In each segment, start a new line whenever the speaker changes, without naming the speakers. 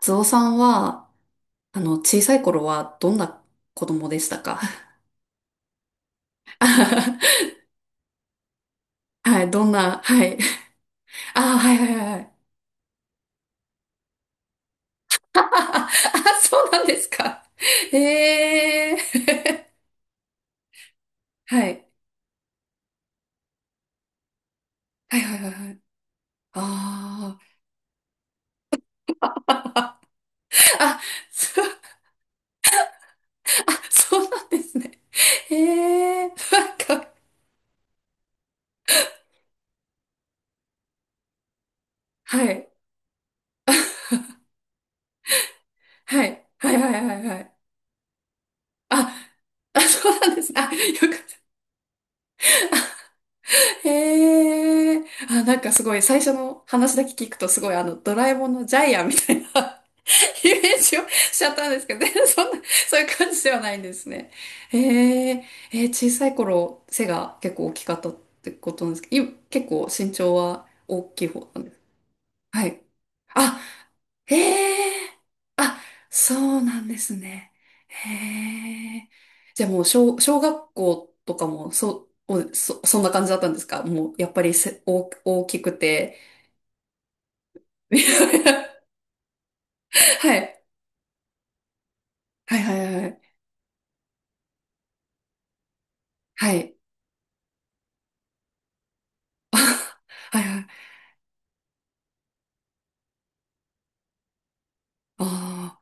つおさんは、小さい頃はどんな子供でしたか？ はい、どんな、はい。ああ、はいはいはい。あ、そうなんですか。ええー。はい。はいはいはいはい。ああ。あ、そう、あ、そうなんですね。ええー。なんか、はい。はい。はいはいはいはい。あ、あ、そうなんですね。あ、よかった。へえ。あ、なんかすごい、最初の話だけ聞くとすごい、ドラえもんのジャイアンみたいな イメージをしちゃったんですけど、全然そんな、そういう感じではないんですね。へえ。えー小さい頃、背が結構大きかったってことなんですけど、い結構身長は大きい方なんです。はい。へえ。あ、そうなんですね。へえ。じゃあもう小、小学校とかも、そう、おそ、そんな感じだったんですか？もう、やっぱりせ、大、大きくて。はい。はいはいはい。はい。あはいはい。あ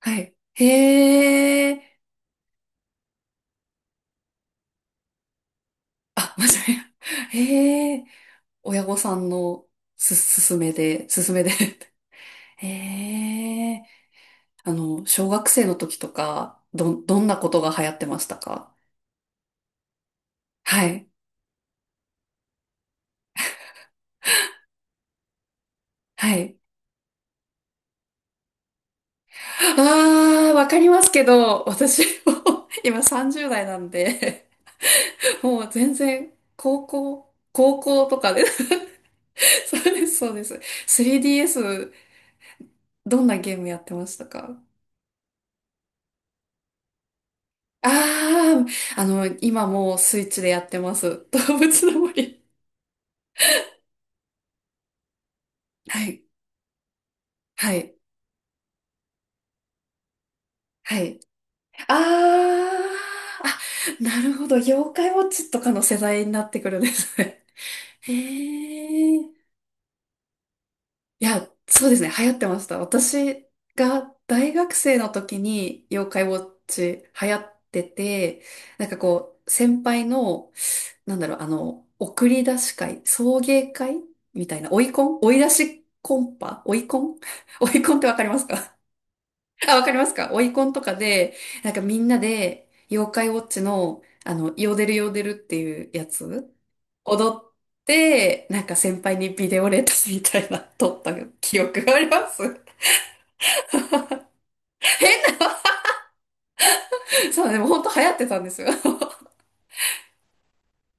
あ、はい。へえ。あ、間違えた。へえ。親御さんのす、すすめで、すすめで。へえ。小学生の時とか、ど、どんなことが流行ってましたか？はい。はい。ああ、わかりますけど、私も 今30代なんで、もう全然、高校、高校とかで そうです、そうです。3DS、どんなゲームやってましたか？ああー、今もうスイッチでやってます。動物の森。はい。はい。はい。あーあ、なるほど。妖怪ウォッチとかの世代になってくるんですね。へえ。いや、そうですね。流行ってました。私が大学生の時に妖怪ウォッチ流行ってて、なんかこう、先輩の、なんだろう、送り出し会、送迎会みたいな、追いコン追い出しコンパ追いコン 追いコンってわかりますか？ あ、わかりますか？オイコンとかで、なんかみんなで、妖怪ウォッチの、ヨーデルヨーデルっていうやつ、踊って、なんか先輩にビデオレタスみたいな、撮った記憶があります。そう、でも本当流行ってたんですよ。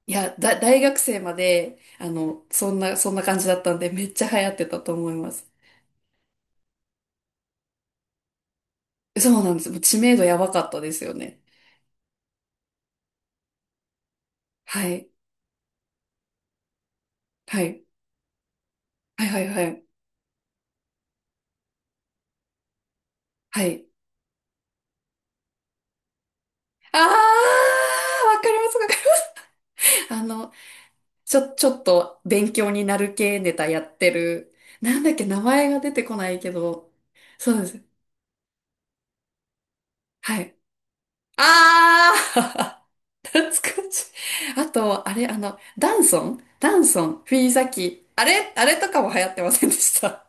いや、だ、大学生まで、そんな、そんな感じだったんで、めっちゃ流行ってたと思います。そうなんです。もう知名度やばかったですよね。はい。はい。はいはいはい。はい。あー、わかります、わかります。あの、ちょ、ちょっと勉強になる系ネタやってる。なんだっけ、名前が出てこないけど。そうなんです。はい。あー 懐かしい。あと、あれ、ダンソンダンソン、フィーザキ。あれあれとかも流行ってませんでした。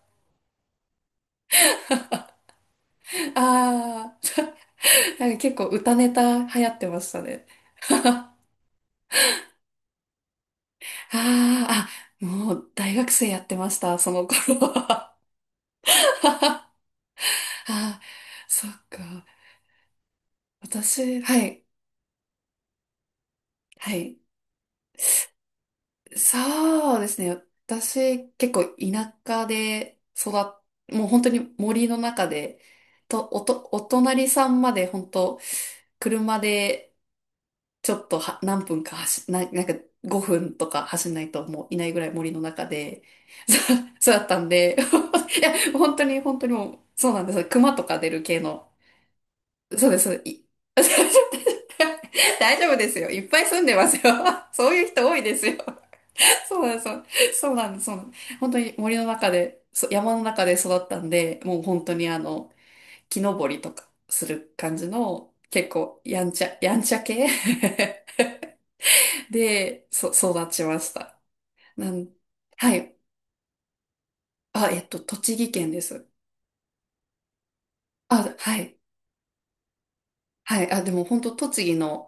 あー、なんか結構歌ネタ流行ってましたね。あー、あ、もう大学生やってました、その頃は。あー、そっか。私、はい、はい。そうですね。私、結構田舎で育っ、もう本当に森の中で、と、おと、お隣さんまで本当、車でちょっとは何分か走、な、なんか5分とか走んないともういないぐらい森の中で、そうだったんで、いや、本当に本当にもう、そうなんです。熊とか出る系の。そうです。い 大丈夫ですよ。いっぱい住んでますよ。そういう人多いですよ。そうなんですよ。そうなんです。そうなんです。本当に森の中で、そ山の中で育ったんで、もう本当に木登りとかする感じの、結構やんちゃ、やんちゃ系 で、そ、育ちました。なん、はい。あ、えっと、栃木県です。あ、はい。はい。あ、でも本当栃木の、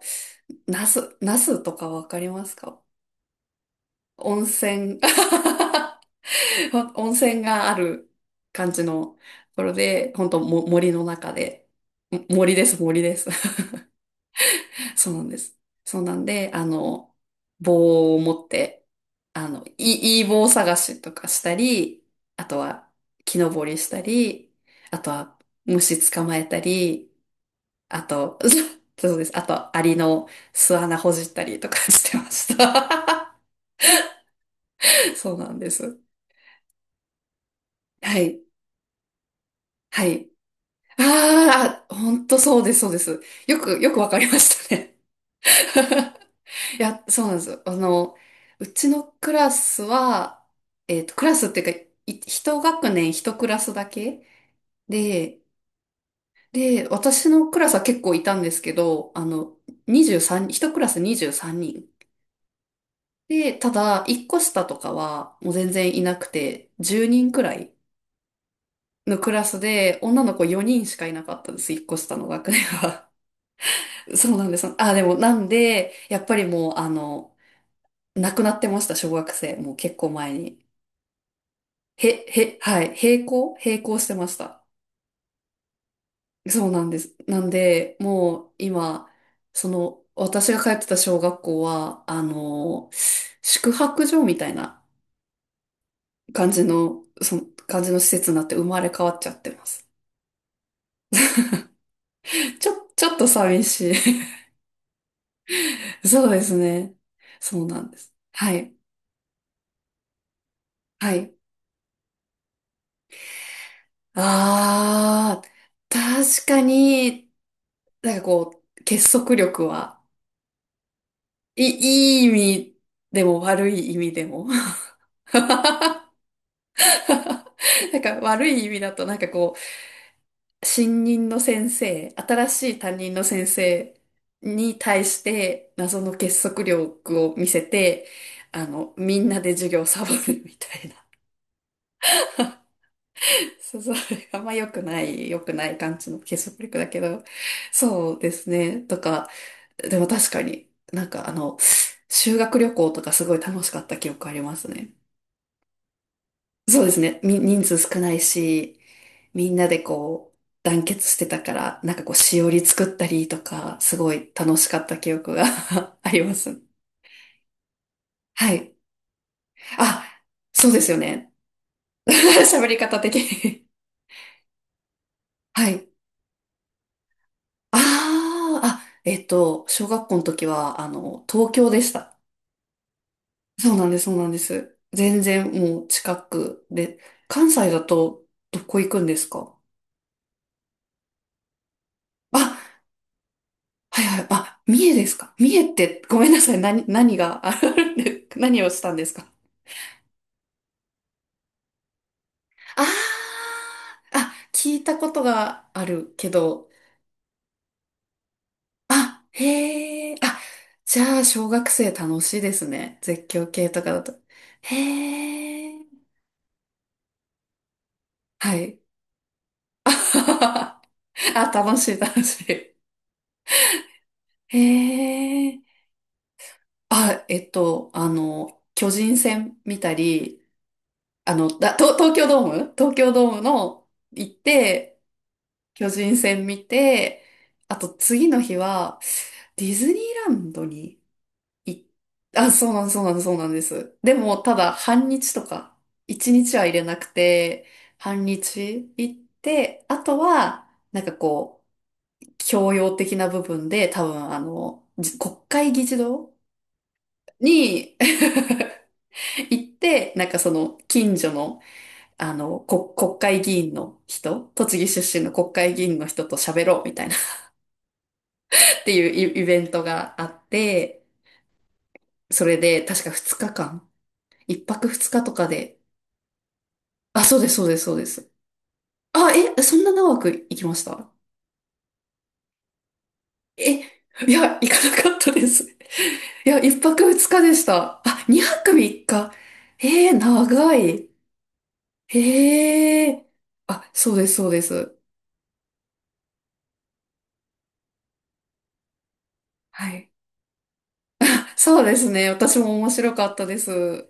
那須、那須とかわかりますか？温泉。温泉がある感じのところで、本当も森の中で、も森です、森です。そうなんです。そうなんで、棒を持って、いい、いい棒探しとかしたり、あとは木登りしたり、あとは虫捕まえたり、あと、そうです。あと、アリの巣穴ほじったりとかしてました。そうなんです。はい。はい。ああ、本当そうです、そうです。よく、よくわかりましたね。いや、そうなんですよ。うちのクラスは、えっと、クラスっていうか、い一学年一クラスだけで、で、私のクラスは結構いたんですけど、23、一クラス23人。で、ただ、一個下とかは、もう全然いなくて、10人くらいのクラスで、女の子4人しかいなかったんです、一個下の学年は。そうなんです。あ、でも、なんで、やっぱりもう、亡くなってました、小学生。もう結構前に。へ、へ、はい、閉校閉校してました。そうなんです。なんで、もう、今、その、私が通ってた小学校は、宿泊所みたいな感じの、その、感じの施設になって生まれ変わっちゃってます。ちょ、ちょっと寂しい。そうですね。そうなんです。はい。はい。ああ、確かに、なんかこう、結束力は、い、いい意味でも悪い意味でも。なんか悪い意味だと、なんかこう、新任の先生、新しい担任の先生に対して、謎の結束力を見せて、みんなで授業をサボるみたいな。そう、そうあんま良くない、良くない感じの結束力だけど、そうですね。とか、でも確かに、なんか修学旅行とかすごい楽しかった記憶ありますね。そうですね。み、人数少ないし、みんなでこう、団結してたから、なんかこう、しおり作ったりとか、すごい楽しかった記憶が あります。はい。あ、そうですよね。喋り方的にはい。ああ、あ、えっと、小学校の時は、東京でした。そうなんです、そうなんです。全然もう近くで、関西だとどこ行くんですか？あ、はいはい、あ、三重ですか？三重って、ごめんなさい、何、何が あるんで、何をしたんですか？あーあ、聞いたことがあるけど、あ、へえ、あ、じゃあ小学生楽しいですね。絶叫系とかだと。へえ、はい。ああ、楽しい、楽しい。へえ。あ、えっと、巨人戦見たり、だ、東東京ドーム東京ドームの行って、巨人戦見て、あと次の日は、ディズニーランドに行っ、あ、そうなん、そうなん、そうなんです。でも、ただ、半日とか、一日は入れなくて、半日行って、あとは、なんかこう、教養的な部分で、多分、じ国会議事堂に、行って、なんかその近所の、あの、こ、国会議員の人、栃木出身の国会議員の人と喋ろうみたいな っていうイイベントがあって、それで確か2日間、1泊2日とかで、あ、そうです、そうです、そうです。あ、え、そんな長く行きました？え、いや、行かなかったです。いや、1泊2日でした。あ、2泊3日。えー、長い。へえ。あ、そうです、そうです。はい。そうですね。私も面白かったです。